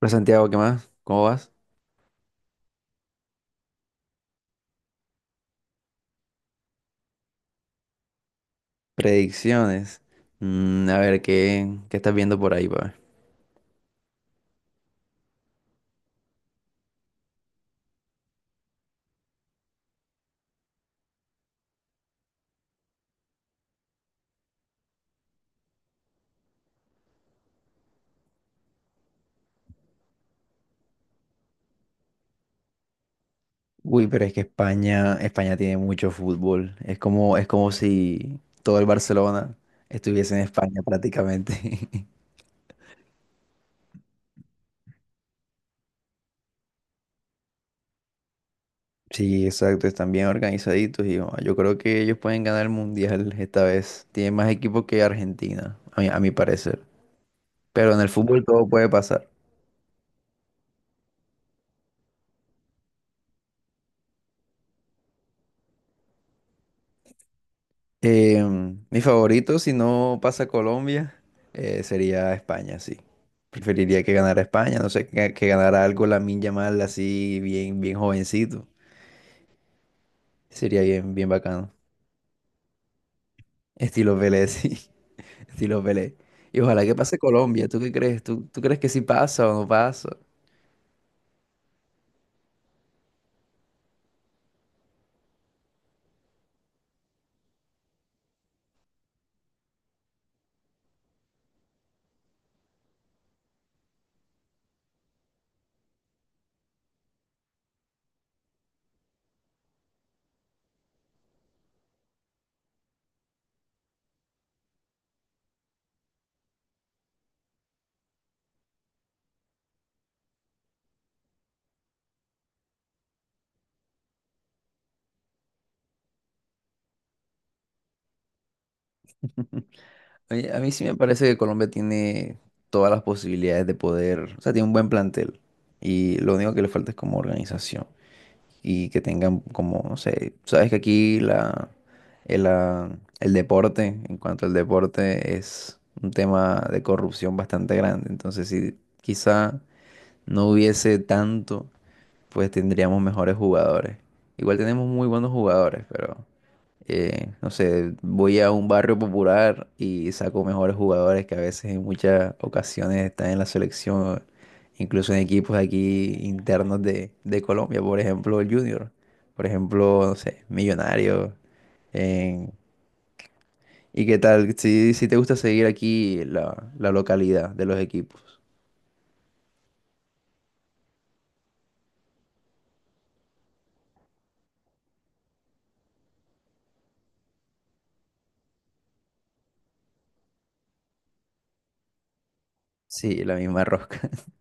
Hola Santiago, ¿qué más? ¿Cómo vas? Predicciones. A ver, ¿qué estás viendo por ahí, pa' ver? Uy, pero es que España, España tiene mucho fútbol. Es como si todo el Barcelona estuviese en España prácticamente. Sí, exacto, están bien organizaditos y oh, yo creo que ellos pueden ganar el Mundial esta vez. Tienen más equipo que Argentina, a mi parecer. Pero en el fútbol todo puede pasar. Eh, Mi favorito, si no pasa Colombia, sería España, sí. Preferiría que ganara España, no sé, que ganara algo Lamine Yamal así, bien, bien jovencito. Sería bien, bien bacano. Estilo Pelé, sí. Estilo Pelé. Y ojalá que pase Colombia. ¿Tú qué crees? ¿Tú crees que sí pasa o no pasa? A mí sí me parece que Colombia tiene todas las posibilidades de poder, o sea, tiene un buen plantel. Y lo único que le falta es como organización, y que tengan como, no sé, sabes que aquí el, ah, el deporte, en cuanto al deporte, es un tema de corrupción bastante grande. Entonces, si quizá no hubiese tanto, pues tendríamos mejores jugadores. Igual tenemos muy buenos jugadores, pero no sé, voy a un barrio popular y saco mejores jugadores que a veces en muchas ocasiones están en la selección, incluso en equipos aquí internos de Colombia, por ejemplo, el Junior, por ejemplo, no sé, Millonarios. en- ¿Y qué tal? Si te gusta seguir aquí la localidad de los equipos. Sí, la misma rosca.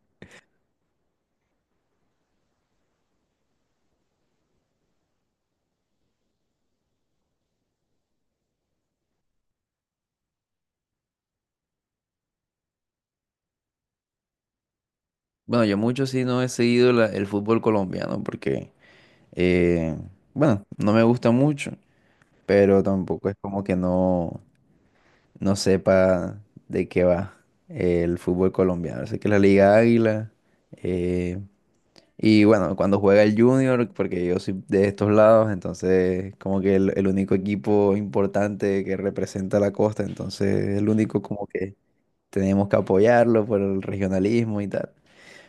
Bueno, yo mucho sí no he seguido el fútbol colombiano porque, eh, bueno, no me gusta mucho, pero tampoco es como que no sepa de qué va el fútbol colombiano. Así que la Liga Águila, eh, y bueno, cuando juega el Junior, porque yo soy de estos lados, entonces como que el único equipo importante que representa la costa, entonces el único como que tenemos que apoyarlo por el regionalismo y tal.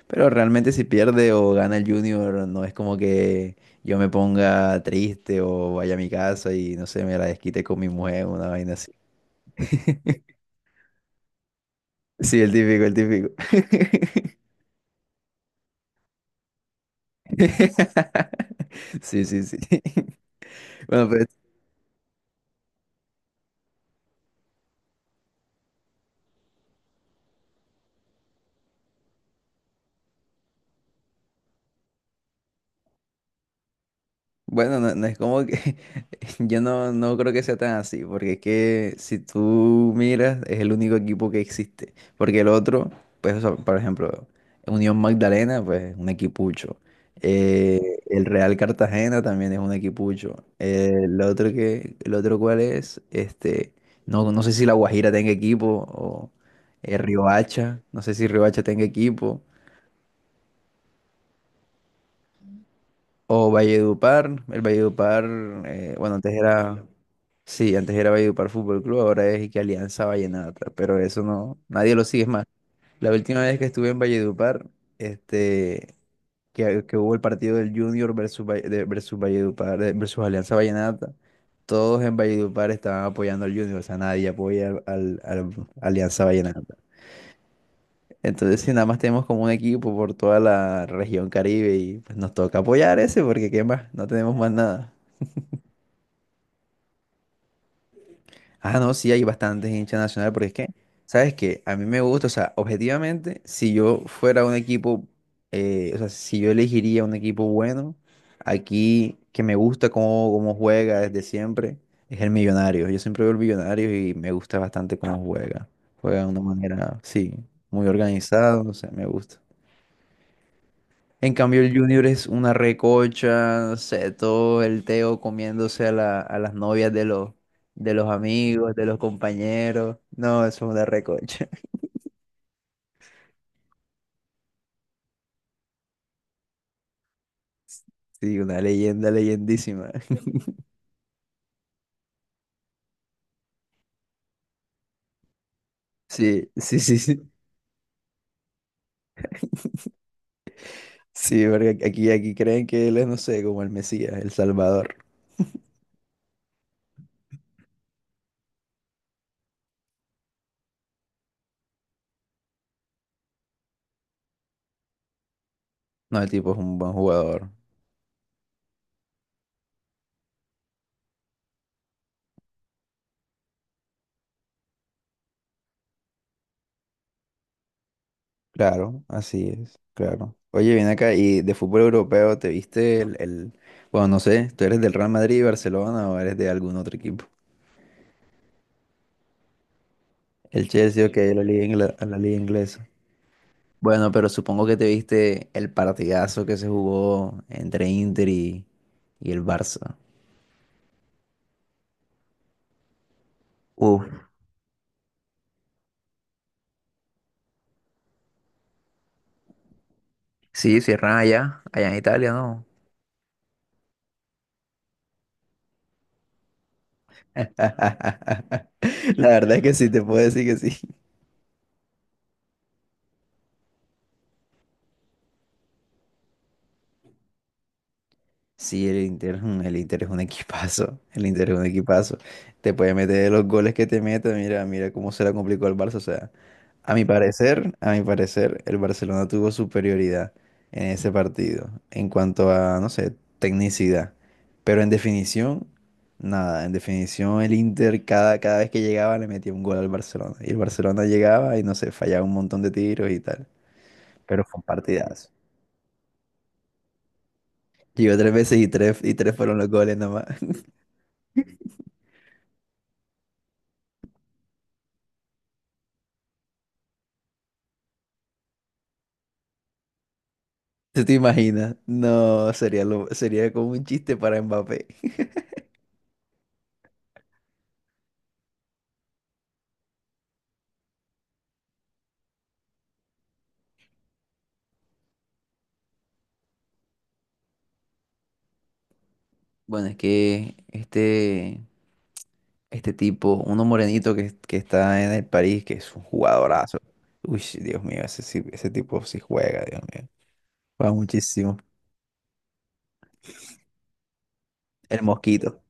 Pero realmente si pierde o gana el Junior, no es como que yo me ponga triste o vaya a mi casa y no sé, me la desquite con mi mujer, una vaina así. Sí, el típico, el típico. Sí, sí, sí. Bueno, pues. Bueno, no es como que yo no creo que sea tan así, porque es que si tú miras, es el único equipo que existe, porque el otro, pues, o sea, por ejemplo, Unión Magdalena, pues, un equipucho. Eh, el Real Cartagena también es un equipucho. El el otro cuál es, este, no sé si La Guajira tenga equipo, o Riohacha, no sé si Riohacha tenga equipo, o Valledupar, el Valledupar, bueno, antes era... Sí, antes era Valledupar Fútbol Club, ahora es y que Alianza Vallenata, pero eso no, nadie lo sigue es más. La última vez que estuve en Valledupar, este, que hubo el partido del Junior versus, versus Valledupar, versus Alianza Vallenata, todos en Valledupar estaban apoyando al Junior, o sea, nadie apoya al Alianza Vallenata. Entonces, si nada más tenemos como un equipo por toda la región Caribe y pues nos toca apoyar ese, porque ¿qué más? No tenemos más nada. Ah, no, sí, hay bastantes hinchas nacionales, porque es que, ¿sabes qué? A mí me gusta, o sea, objetivamente, si yo fuera un equipo, o sea, si yo elegiría un equipo bueno, aquí que me gusta cómo juega desde siempre, es el Millonario. Yo siempre veo el Millonario y me gusta bastante cómo juega. Juega de una manera, sí, muy organizado, o sea, me gusta. En cambio, el Junior es una recocha, no sé, todo el Teo comiéndose a las novias de los amigos, de los compañeros. No, eso es una recocha. Sí, una leyenda, leyendísima. Sí, sí, sí, sí. Sí, porque aquí creen que él es, no sé, como el Mesías, el Salvador. No, el tipo es un buen jugador. Claro, así es, claro. Oye, ven acá, y de fútbol europeo, ¿te viste el... Bueno, no sé, ¿tú eres del Real Madrid, Barcelona o eres de algún otro equipo? El Chelsea, ok, la liga inglesa. Bueno, pero supongo que te viste el partidazo que se jugó entre Inter y el Barça. Uf, sí, cierran allá en Italia, ¿no? La verdad es que sí, te puedo decir que sí. Sí, el Inter es un equipazo, el Inter es un equipazo. Te puede meter los goles que te meta, mira, mira cómo se la complicó al Barça. O sea, a mi parecer, el Barcelona tuvo superioridad en ese partido en cuanto a, no sé, tecnicidad. Pero en definición, nada, en definición el Inter cada vez que llegaba le metía un gol al Barcelona. Y el Barcelona llegaba y, no sé, fallaba un montón de tiros y tal. Pero fue un partidazo. Llegó tres veces y tres fueron los goles nomás. ¿Tú te imaginas? No, sería como un chiste para Mbappé. Bueno, es que este tipo, uno morenito que está en el París, que es un jugadorazo. Uy, Dios mío, ese tipo sí juega, Dios mío. Juega muchísimo. El Mosquito.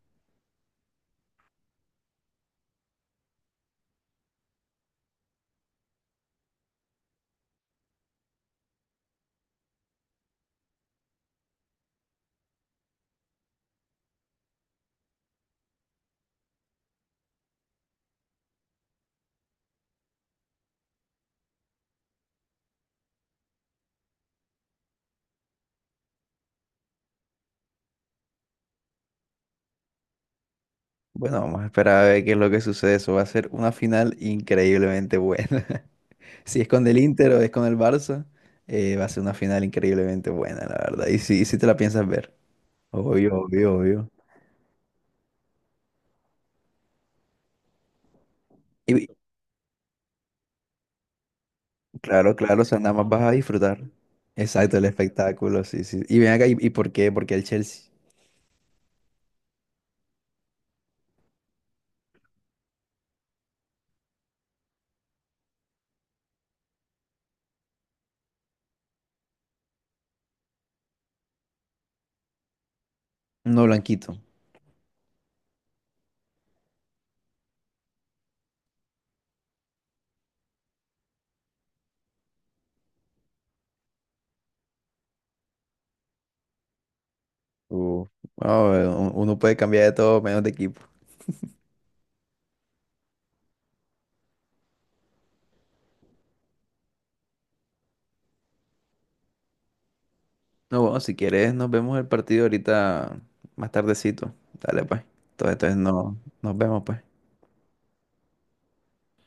Bueno, vamos a esperar a ver qué es lo que sucede. Eso va a ser una final increíblemente buena. Si es con el Inter o es con el Barça, va a ser una final increíblemente buena, la verdad. Y si te la piensas ver. Obvio, obvio, obvio. Y, Claro, claro, o sea, nada más vas a disfrutar. Exacto, el espectáculo, sí, sí. Y ven acá, ¿y por qué? Porque el Chelsea, no blanquito. Uh, no, uno puede cambiar de todo menos de equipo. No, bueno, si quieres, nos vemos el partido ahorita más tardecito. Dale, pues. Entonces no, nos vemos, pues.